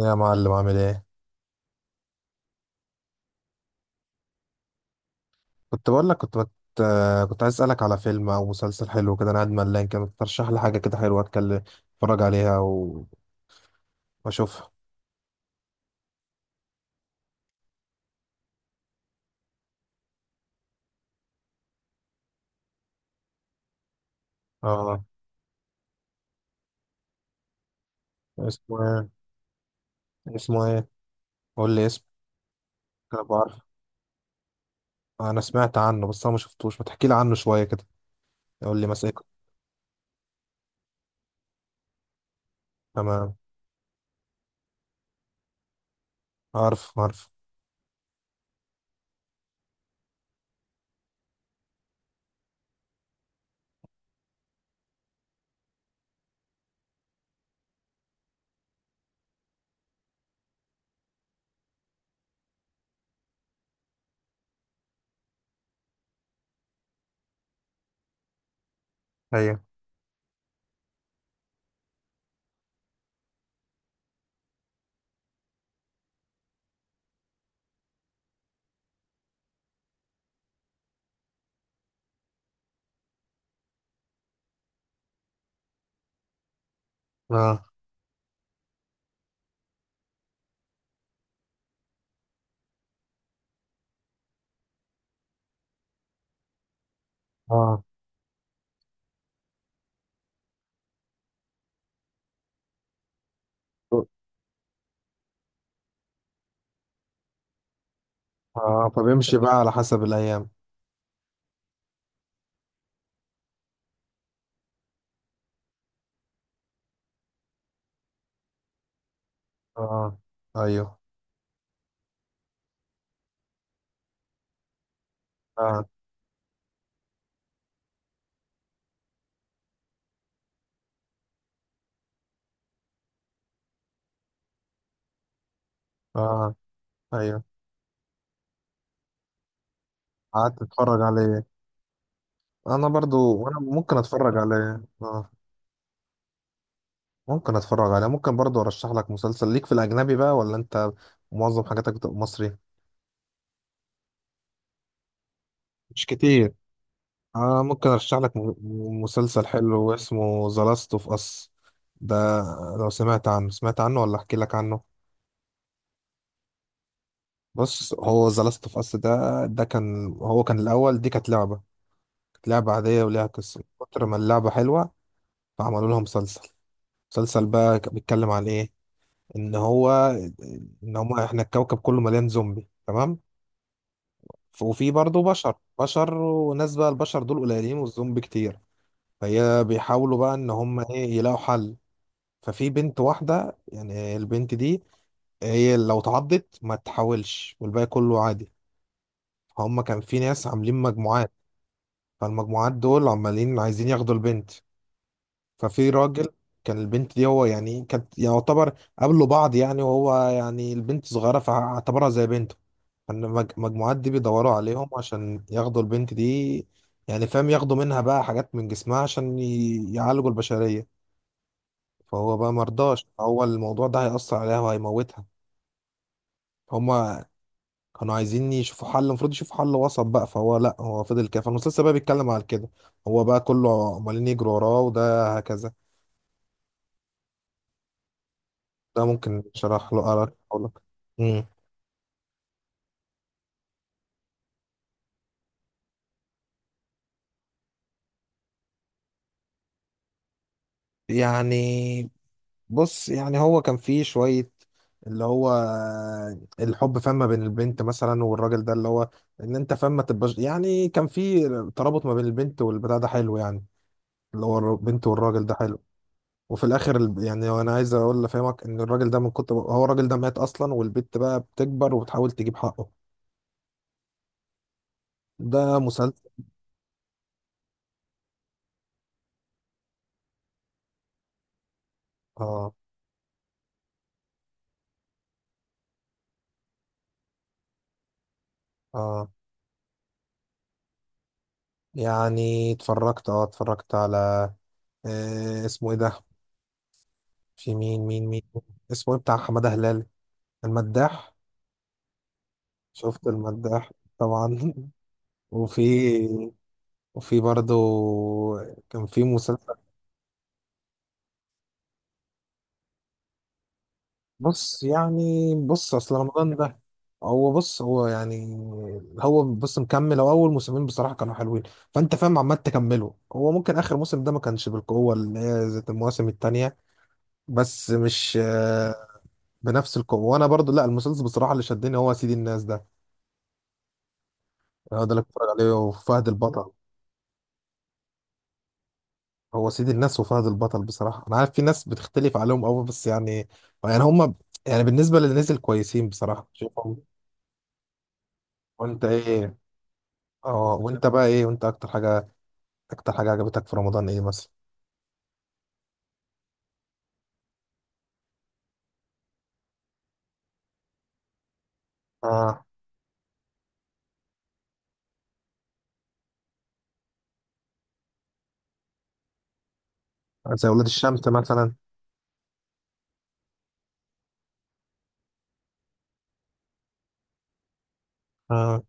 يا معلم، عامل ايه؟ كنت بقول لك، كنت عايز اسالك على فيلم او مسلسل حلو كده، انا قاعد ملان كده. ترشح لي حاجه كده حلوه اتكلم اتفرج عليها واشوفها. اه. اسمه ايه؟ اسمه ايه؟ قول لي اسمه. انا بعرف، انا سمعت عنه بس انا ما شفتوش. ما تحكي لي عنه شويه كده، قول لي مثلا إيه؟ تمام. عارف عارف. ايوه. اه، اه، اه. فبيمشي بقى على حسب الايام. اه، ايوه، اه، اه، ايوه. قعدت اتفرج عليه انا برضو، وانا ممكن اتفرج عليه اه. ممكن اتفرج عليه، ممكن برضو ارشح لك مسلسل ليك في الاجنبي بقى، ولا انت معظم حاجاتك بتبقى مصري؟ مش كتير. ممكن ارشح لك مسلسل حلو اسمه ذا لاست اوف اس. ده لو سمعت عنه، سمعت عنه ولا احكي لك عنه؟ بص، هو ذا لاست اوف اس ده، ده كان هو كان الاول دي كانت لعبة عادية، وليها قصة من كتر ما اللعبة حلوة فعملوا لها مسلسل. مسلسل بقى بيتكلم عن ايه؟ ان هو ان هم احنا الكوكب كله مليان زومبي، تمام؟ وفي برضه بشر، بشر وناس بقى، البشر دول قليلين والزومبي كتير. فهي بيحاولوا بقى ان هم ايه، يلاقوا حل. ففي بنت واحدة، يعني البنت دي هي لو تعضت ما تحاولش، والباقي كله عادي. هم كان في ناس عاملين مجموعات، فالمجموعات دول عمالين عايزين ياخدوا البنت. ففي راجل، كان البنت دي هو يعني كانت يعتبر، قابلوا بعض يعني، وهو يعني البنت صغيرة فاعتبرها زي بنته. فالمجموعات دي بيدوروا عليهم عشان ياخدوا البنت دي، يعني فاهم، ياخدوا منها بقى حاجات من جسمها عشان يعالجوا البشرية. فهو بقى مرضاش، هو الموضوع ده هيأثر عليها وهيموتها. هما كانوا عايزين يشوفوا حل، المفروض يشوفوا حل وسط بقى، فهو لا، هو فضل كده. فالمسلسل بقى بيتكلم على كده، هو بقى كله عمالين يجروا وراه وده هكذا. ده ممكن شرح له، أراك أقول لك. مم. يعني بص، يعني هو كان فيه شوية، اللي هو الحب فما بين البنت مثلا والراجل ده، اللي هو ان انت فما تبقاش، يعني كان فيه ترابط ما بين البنت والبتاع ده حلو يعني، اللي هو البنت والراجل ده حلو. وفي الاخر يعني انا عايز اقول لافهمك ان الراجل ده من كتر، هو الراجل ده مات اصلا، والبنت بقى بتكبر وبتحاول تجيب حقه. ده مسلسل. اه، اه. يعني اتفرجت، اتفرجت على، اسمه ايه ده، في مين، مين، مين، اسمه إيه؟ بتاع حمادة هلال، المداح. شفت المداح طبعا. وفي وفي برضه كان في مسلسل. بص يعني، بص اصل رمضان ده، هو بص، هو يعني، هو بص مكمل. هو اول موسمين بصراحة كانوا حلوين، فانت فاهم عمال تكمله، هو ممكن اخر موسم ده ما كانش بالقوة اللي هي زي المواسم التانية، بس مش بنفس القوة. وانا برضو لا، المسلسل بصراحة اللي شدني هو سيدي الناس ده، هو ده اللي بتفرج عليه، وفهد البطل. هو سيد الناس وفهد البطل بصراحة، أنا عارف في ناس بتختلف عليهم أوي، بس يعني هما، يعني بالنسبة للي نزل كويسين بصراحة شوفهم. وأنت إيه، أه وأنت بقى إيه، وأنت أكتر حاجة عجبتك في رمضان إيه مثلا؟ آه زي ولاد الشمس مثلا. آه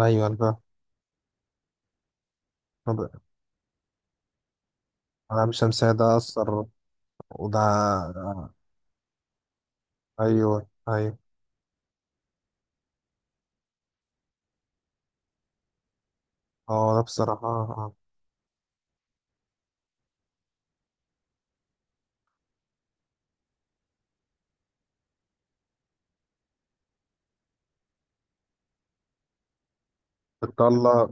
أيوه ده. طب- أنا مش شمسية ده أثر وده أيوه، أيوه، ده بصراحة، بتطلع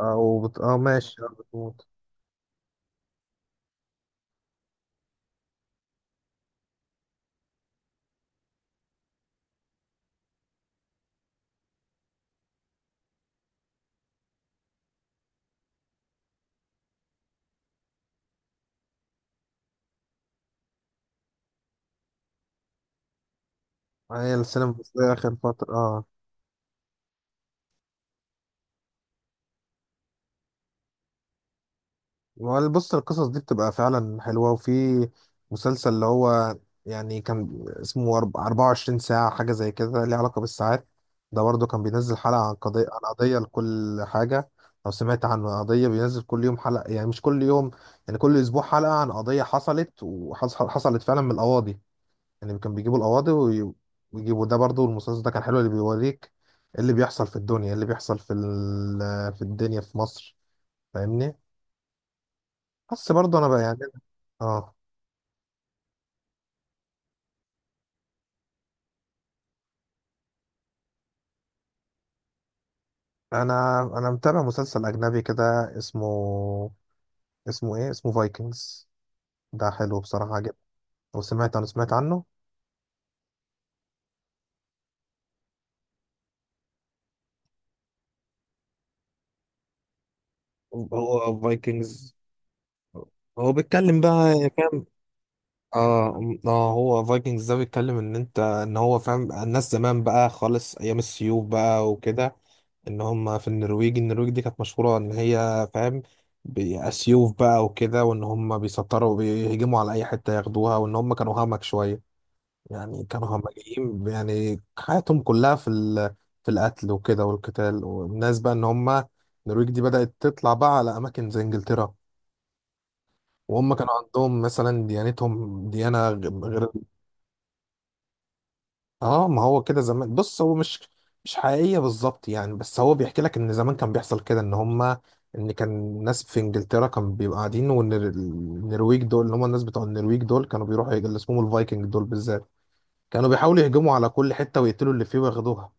أو أه ماشي، بتموت. هي السينما المصرية آخر فترة بص القصص دي بتبقى فعلا حلوة، وفي مسلسل اللي هو يعني كان اسمه 24 ساعة، حاجة زي كده ليه علاقة بالساعات. ده برضه كان بينزل حلقة عن قضية، لكل حاجة. لو سمعت عنه، قضية بينزل كل يوم حلقة، يعني مش كل يوم، يعني كل أسبوع حلقة عن قضية حصلت، وحصلت فعلا من القواضي. يعني كان بيجيبوا القواضي ويجيبوا. ده برضه المسلسل ده كان حلو، اللي بيوريك إيه اللي بيحصل في الدنيا، إيه اللي بيحصل في الدنيا في مصر. فاهمني؟ بس برضه انا بقى يعني، اه. انا متابع مسلسل اجنبي كده، اسمه اسمه ايه، اسمه فايكنجز. ده حلو بصراحة جدا. وسمعت، انا سمعت عنه. هو فايكنجز. هو بيتكلم بقى فاهم. اه، اه، هو فايكنجز ده بيتكلم ان انت، ان هو فاهم، الناس زمان بقى خالص، ايام السيوف بقى وكده، ان هم في النرويج. النرويج دي كانت مشهورة ان هي فاهم، سيوف بقى وكده، وان هم بيسطروا وبيهجموا على اي حتة ياخدوها، وان هم كانوا همك شوية، يعني كانوا همجيين، يعني حياتهم كلها في القتل وكده والقتال. والناس بقى ان هم، النرويج دي بدأت تطلع بقى على اماكن زي انجلترا، وهم كانوا عندهم مثلا ديانتهم ديانة غير. اه، ما هو كده زمان، بص هو مش حقيقية بالظبط يعني، بس هو بيحكي لك ان زمان كان بيحصل كده، ان هم، ان كان الناس في انجلترا كانوا بيبقوا قاعدين، وان النرويج دول اللي هم الناس بتوع النرويج دول كانوا بيروحوا، اللي اسمهم الفايكنج دول بالذات كانوا بيحاولوا يهجموا على كل حتة ويقتلوا اللي فيه وياخدوها.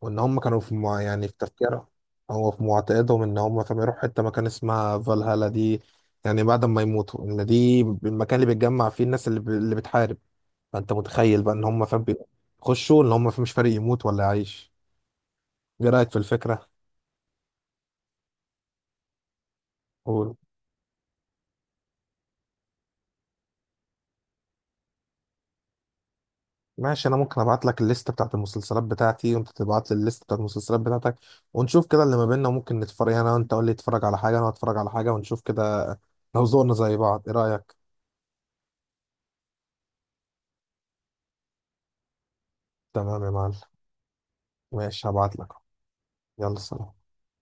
وان هم كانوا في يعني في تفكيرهم، هو في معتقدهم ان هم فما يروحوا حته مكان اسمها فالهالا دي، يعني بعد ما يموتوا ان دي المكان اللي بيتجمع فيه الناس اللي، اللي بتحارب. فانت متخيل بقى ان هم فاهم، بيخشوا ان هم مش فارق يموت ولا يعيش. ايه رايك في الفكره؟ قول. ماشي، انا ممكن ابعت لك الليست بتاعت المسلسلات بتاعتي، وانت تبعت لي الليست بتاعت المسلسلات بتاعتك، ونشوف كده اللي ما بيننا، وممكن نتفرج يعني انا وانت. قول لي اتفرج على حاجه، انا اتفرج على حاجه، ونشوف كده لو ذوقنا زي بعض. ايه رايك؟ تمام يا معلم، ماشي هبعت لك. يلا سلام.